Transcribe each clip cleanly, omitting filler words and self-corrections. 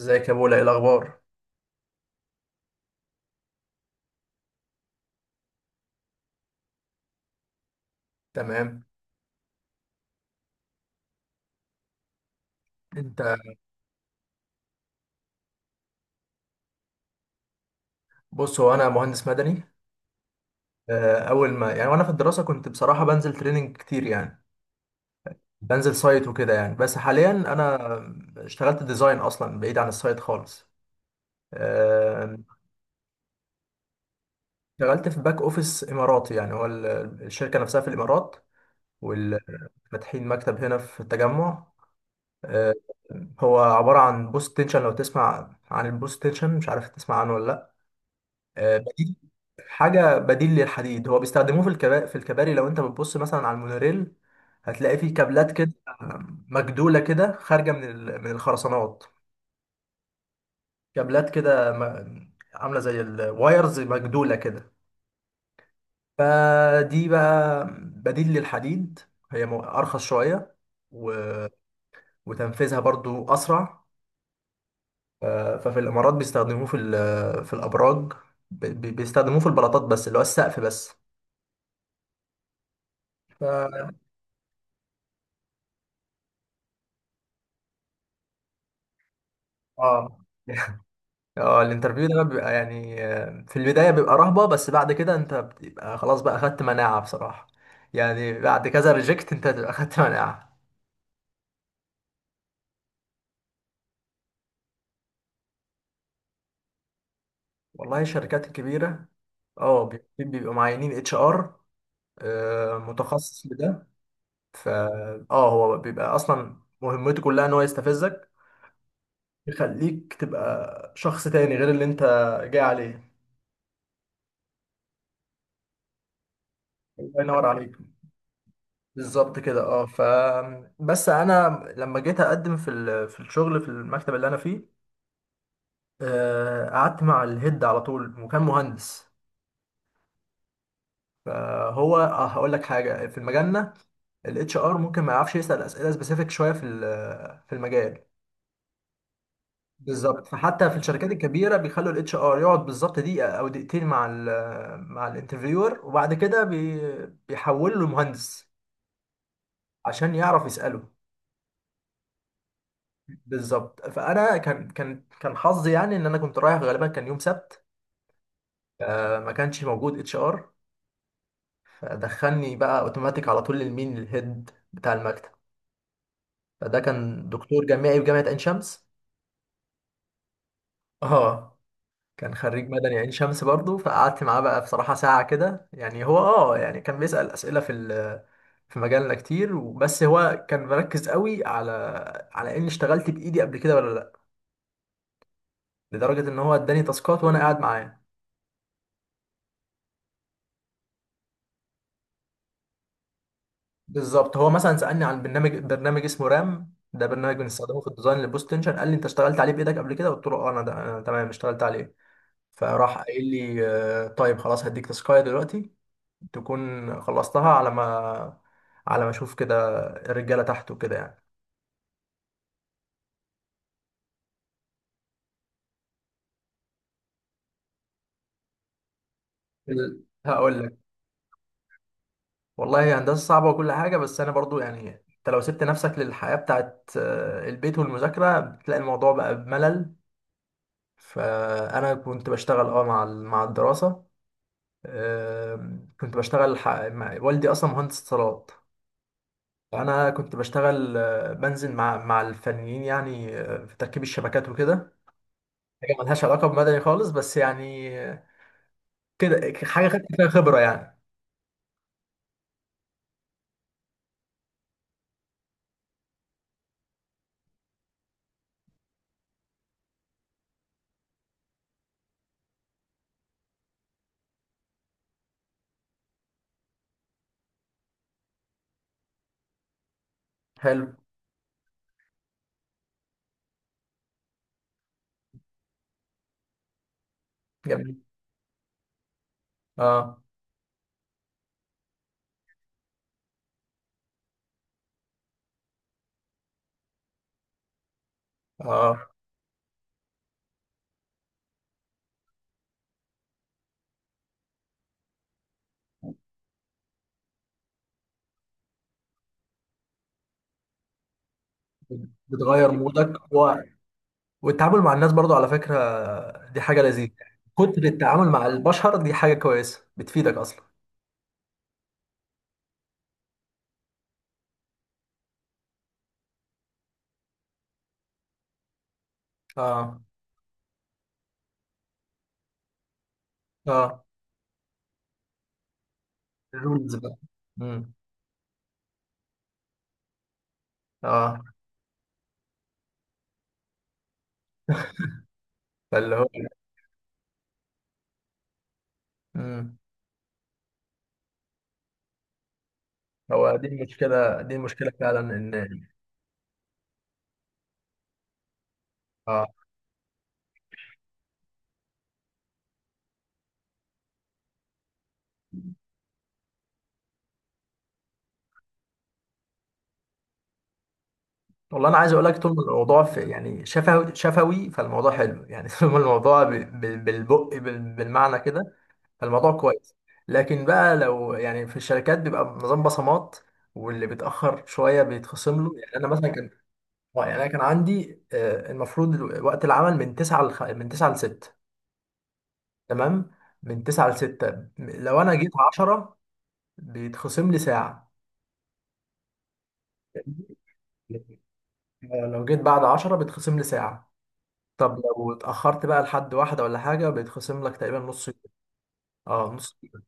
ازيك يا بولا؟ ايه الاخبار؟ تمام. انت بص، هو انا مهندس مدني. اول ما يعني وانا في الدراسه كنت بصراحه بنزل تريننج كتير يعني، بنزل سايت وكده يعني. بس حاليا انا اشتغلت ديزاين اصلا بعيد عن السايت خالص. آه، اشتغلت في باك اوفيس اماراتي، يعني هو الشركه نفسها في الامارات وفاتحين مكتب هنا في التجمع. آه، هو عباره عن بوست تنشن. لو تسمع عن البوست تنشن، مش عارف تسمع عنه ولا؟ بديل، حاجه بديل للحديد. هو بيستخدموه في الكباري. لو انت بتبص مثلا على المونوريل هتلاقي فيه كابلات كده، مجدوله كده، خارجه من من الخرسانات. كابلات كده عامله زي الوايرز، مجدوله كده. فدي بقى بديل للحديد. هي ارخص شويه و- وتنفيذها برضو اسرع. ف- ففي الامارات بيستخدموه في في الابراج. بيستخدموه في البلاطات، بس اللي هو السقف بس. ف اه اه، الانترفيو ده بقى بيبقى يعني، في البداية بيبقى رهبة، بس بعد كده انت بتبقى خلاص بقى اخدت مناعة بصراحة. يعني بعد كذا ريجكت انت بتبقى اخدت مناعة. والله الشركات الكبيرة اه بيبقوا معينين اتش ار، متخصص لده. فا هو بيبقى اصلا مهمته كلها ان هو يستفزك، يخليك تبقى شخص تاني غير اللي انت جاي عليه. الله ينور عليك. بالظبط كده. اه. ف بس انا لما جيت اقدم في في الشغل في المكتب اللي انا فيه، قعدت مع الهيد على طول، وكان مهندس. فهو، هقول لك حاجه في مجالنا: الاتش ار ممكن ما يعرفش يسال اسئله سبيسيفيك شويه في في المجال. بالظبط. فحتى في الشركات الكبيره بيخلوا الاتش ار يقعد بالظبط دقيقه او دقيقتين مع ال مع الانترفيور، وبعد كده بيحول له مهندس عشان يعرف يساله. بالظبط. فانا كان حظي يعني ان انا كنت رايح غالبا كان يوم سبت، ما كانش موجود اتش ار. دخلني بقى اوتوماتيك على طول للمين الهيد بتاع المكتب. فده كان دكتور جامعي في جامعة عين شمس. اه، كان خريج مدني عين شمس برضو. فقعدت معاه بقى بصراحة ساعة كده. يعني هو اه يعني كان بيسأل أسئلة في في مجالنا كتير، بس هو كان مركز قوي على على اني اشتغلت بايدي قبل كده ولا لا، لدرجة ان هو اداني تاسكات وانا قاعد معاه. بالظبط. هو مثلا سألني عن برنامج اسمه رام، ده برنامج بنستخدمه في الديزاين للبوست تنشن. قال لي انت اشتغلت عليه بايدك قبل كده؟ قلت له اه انا ده انا تمام اشتغلت عليه. فراح قايل لي، طيب خلاص هديك تسكاية دلوقتي تكون خلصتها على ما على ما اشوف كده الرجاله تحت وكده يعني. هقول لك، والله هي هندسه صعبه وكل حاجه، بس انا برضو يعني انت لو سبت نفسك للحياه بتاعت البيت والمذاكره بتلاقي الموضوع بقى بملل. فانا كنت بشتغل اه مع مع الدراسه. كنت بشتغل مع والدي، اصلا مهندس اتصالات. فانا كنت بشتغل، بنزل مع الفنيين يعني، في تركيب الشبكات وكده. حاجه ملهاش علاقه بمدني خالص، بس يعني كده حاجه خدت فيها خبره يعني. حلو، جميل. اه اه، بتغير مودك و... والتعامل مع الناس برضو على فكره دي حاجه لذيذه. كتر التعامل مع البشر دي حاجه كويسه بتفيدك اصلا. اه اه. الرولز بقى. امم. اه. فاللي هو امم. هو دي المشكله، دي المشكله فعلا ان اه. والله انا عايز اقول لك، طول ما الموضوع في يعني شفوي شفوي فالموضوع حلو يعني طول ما الموضوع بالبق بالمعنى كده فالموضوع كويس. لكن بقى لو يعني في الشركات بيبقى نظام بصمات، واللي بيتاخر شويه بيتخصم له. يعني انا مثلا كان يعني انا كان عندي، المفروض وقت العمل من 9 من 9 ل 6. تمام. من 9 ل 6، لو انا جيت 10 بيتخصم لي ساعه. لو جيت بعد 10 بيتخصم لي ساعه. طب لو اتأخرت بقى لحد واحدة ولا حاجة بيتخصم لك تقريبا نص يوم. اه نص يوم.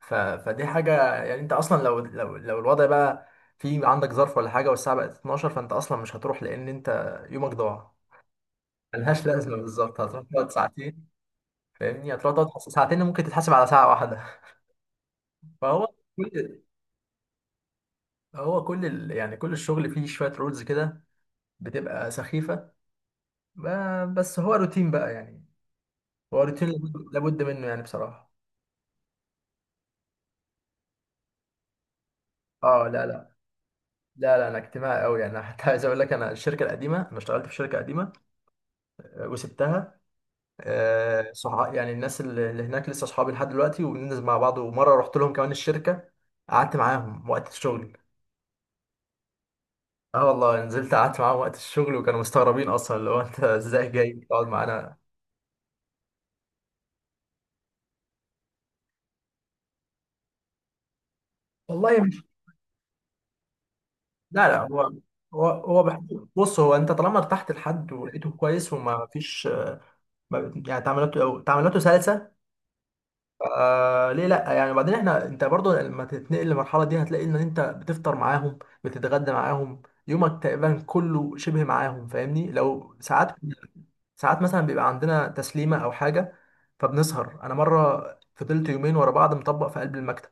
ف... فدي حاجة يعني انت اصلا لو الوضع بقى في عندك ظرف ولا حاجة والساعة بقت 12، فانت اصلا مش هتروح، لان انت يومك ضاع. ملهاش لازمة بالظبط، هتروح تقعد ساعتين. فاهمني، هتروح تقعد ساعتين ممكن تتحاسب على ساعة واحدة. فهو كل، هو كل يعني كل الشغل فيه شوية رولز كده بتبقى سخيفة. بس هو روتين بقى يعني، هو روتين لابد منه يعني بصراحة. اه لا لا. لا لا، انا اجتماعي قوي يعني. حتى عايز اقول لك، انا الشركه القديمه، انا اشتغلت في شركه قديمه وسبتها، صح، يعني الناس اللي هناك لسه اصحابي لحد دلوقتي، وبننزل مع بعض، ومره رحت لهم كمان الشركه، قعدت معاهم وقت الشغل. اه والله، نزلت قعدت معاهم وقت الشغل، وكانوا مستغربين اصلا، اللي هو انت ازاي جاي تقعد معانا. والله مش، لا لا، هو بحب، بص، هو انت طالما ارتحت لحد ولقيته كويس وما فيش يعني تعاملاته سلسه، آه ليه لا؟ يعني بعدين احنا، انت برضو لما تتنقل للمرحله دي هتلاقي ان انت بتفطر معاهم بتتغدى معاهم، يومك تقريبا كله شبه معاهم. فاهمني، لو ساعات مثلا بيبقى عندنا تسليمه او حاجه فبنسهر. انا مره فضلت يومين ورا بعض مطبق في قلب المكتب.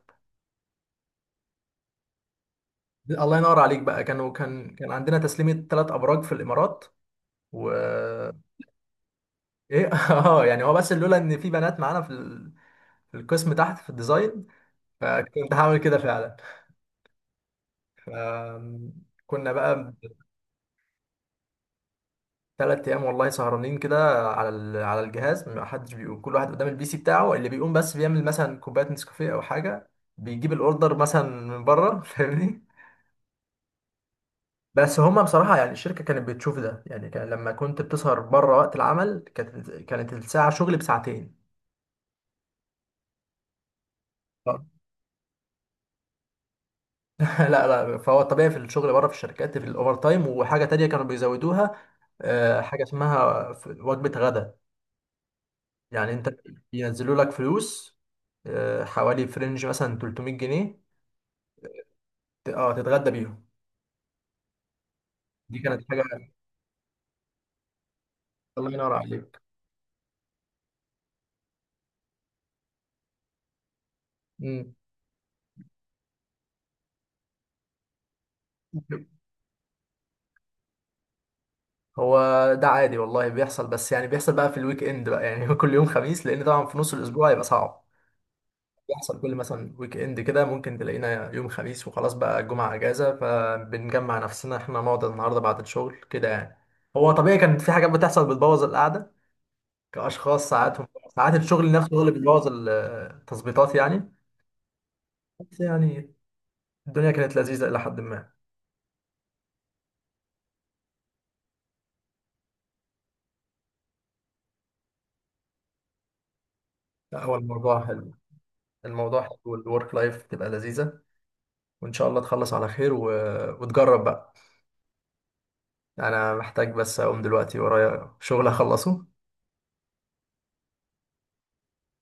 الله ينور عليك بقى. كانوا كان عندنا تسليمه 3 ابراج في الامارات و... ايه اه يعني، هو بس لولا ان في بنات معانا في في القسم تحت في الديزاين فكنت هعمل كده فعلا. كنا بقى 3 ايام والله سهرانين كده على على الجهاز، ما حدش بيقوم. كل واحد قدام البي سي بتاعه، اللي بيقوم بس بيعمل مثلا كوبايه نسكافيه او حاجه، بيجيب الاوردر مثلا من بره. فاهمني؟ بس هما بصراحه يعني الشركه كانت بتشوف ده يعني. كان لما كنت بتسهر بره وقت العمل كانت الساعه شغل بساعتين. لا لا، فهو الطبيعي في الشغل بره في الشركات في الاوفر تايم. وحاجه تانية كانوا بيزودوها، حاجه اسمها وجبه غدا. يعني انت ينزلوا لك فلوس، حوالي فرنج مثلا 300 جنيه تتغدى بيهم. دي كانت حاجه. الله ينور عليك. امم. هو ده عادي والله بيحصل، بس يعني بيحصل بقى في الويك اند بقى يعني كل يوم خميس، لان طبعا في نص الاسبوع هيبقى صعب. بيحصل كل مثلا ويك اند كده ممكن تلاقينا يوم خميس، وخلاص بقى الجمعة اجازة، فبنجمع نفسنا احنا نقعد النهارده بعد الشغل كده يعني. هو طبيعي، كان في حاجات بتحصل بتبوظ القعدة كأشخاص ساعاتهم. ساعات الشغل نفسه هو اللي بيبوظ التظبيطات يعني. بس يعني الدنيا كانت لذيذة إلى حد ما. لا، هو الموضوع حلو. الموضوع حلو والورك لايف تبقى لذيذة، وإن شاء الله تخلص على خير و... وتجرب بقى. أنا محتاج بس أقوم دلوقتي، ورايا شغل أخلصه.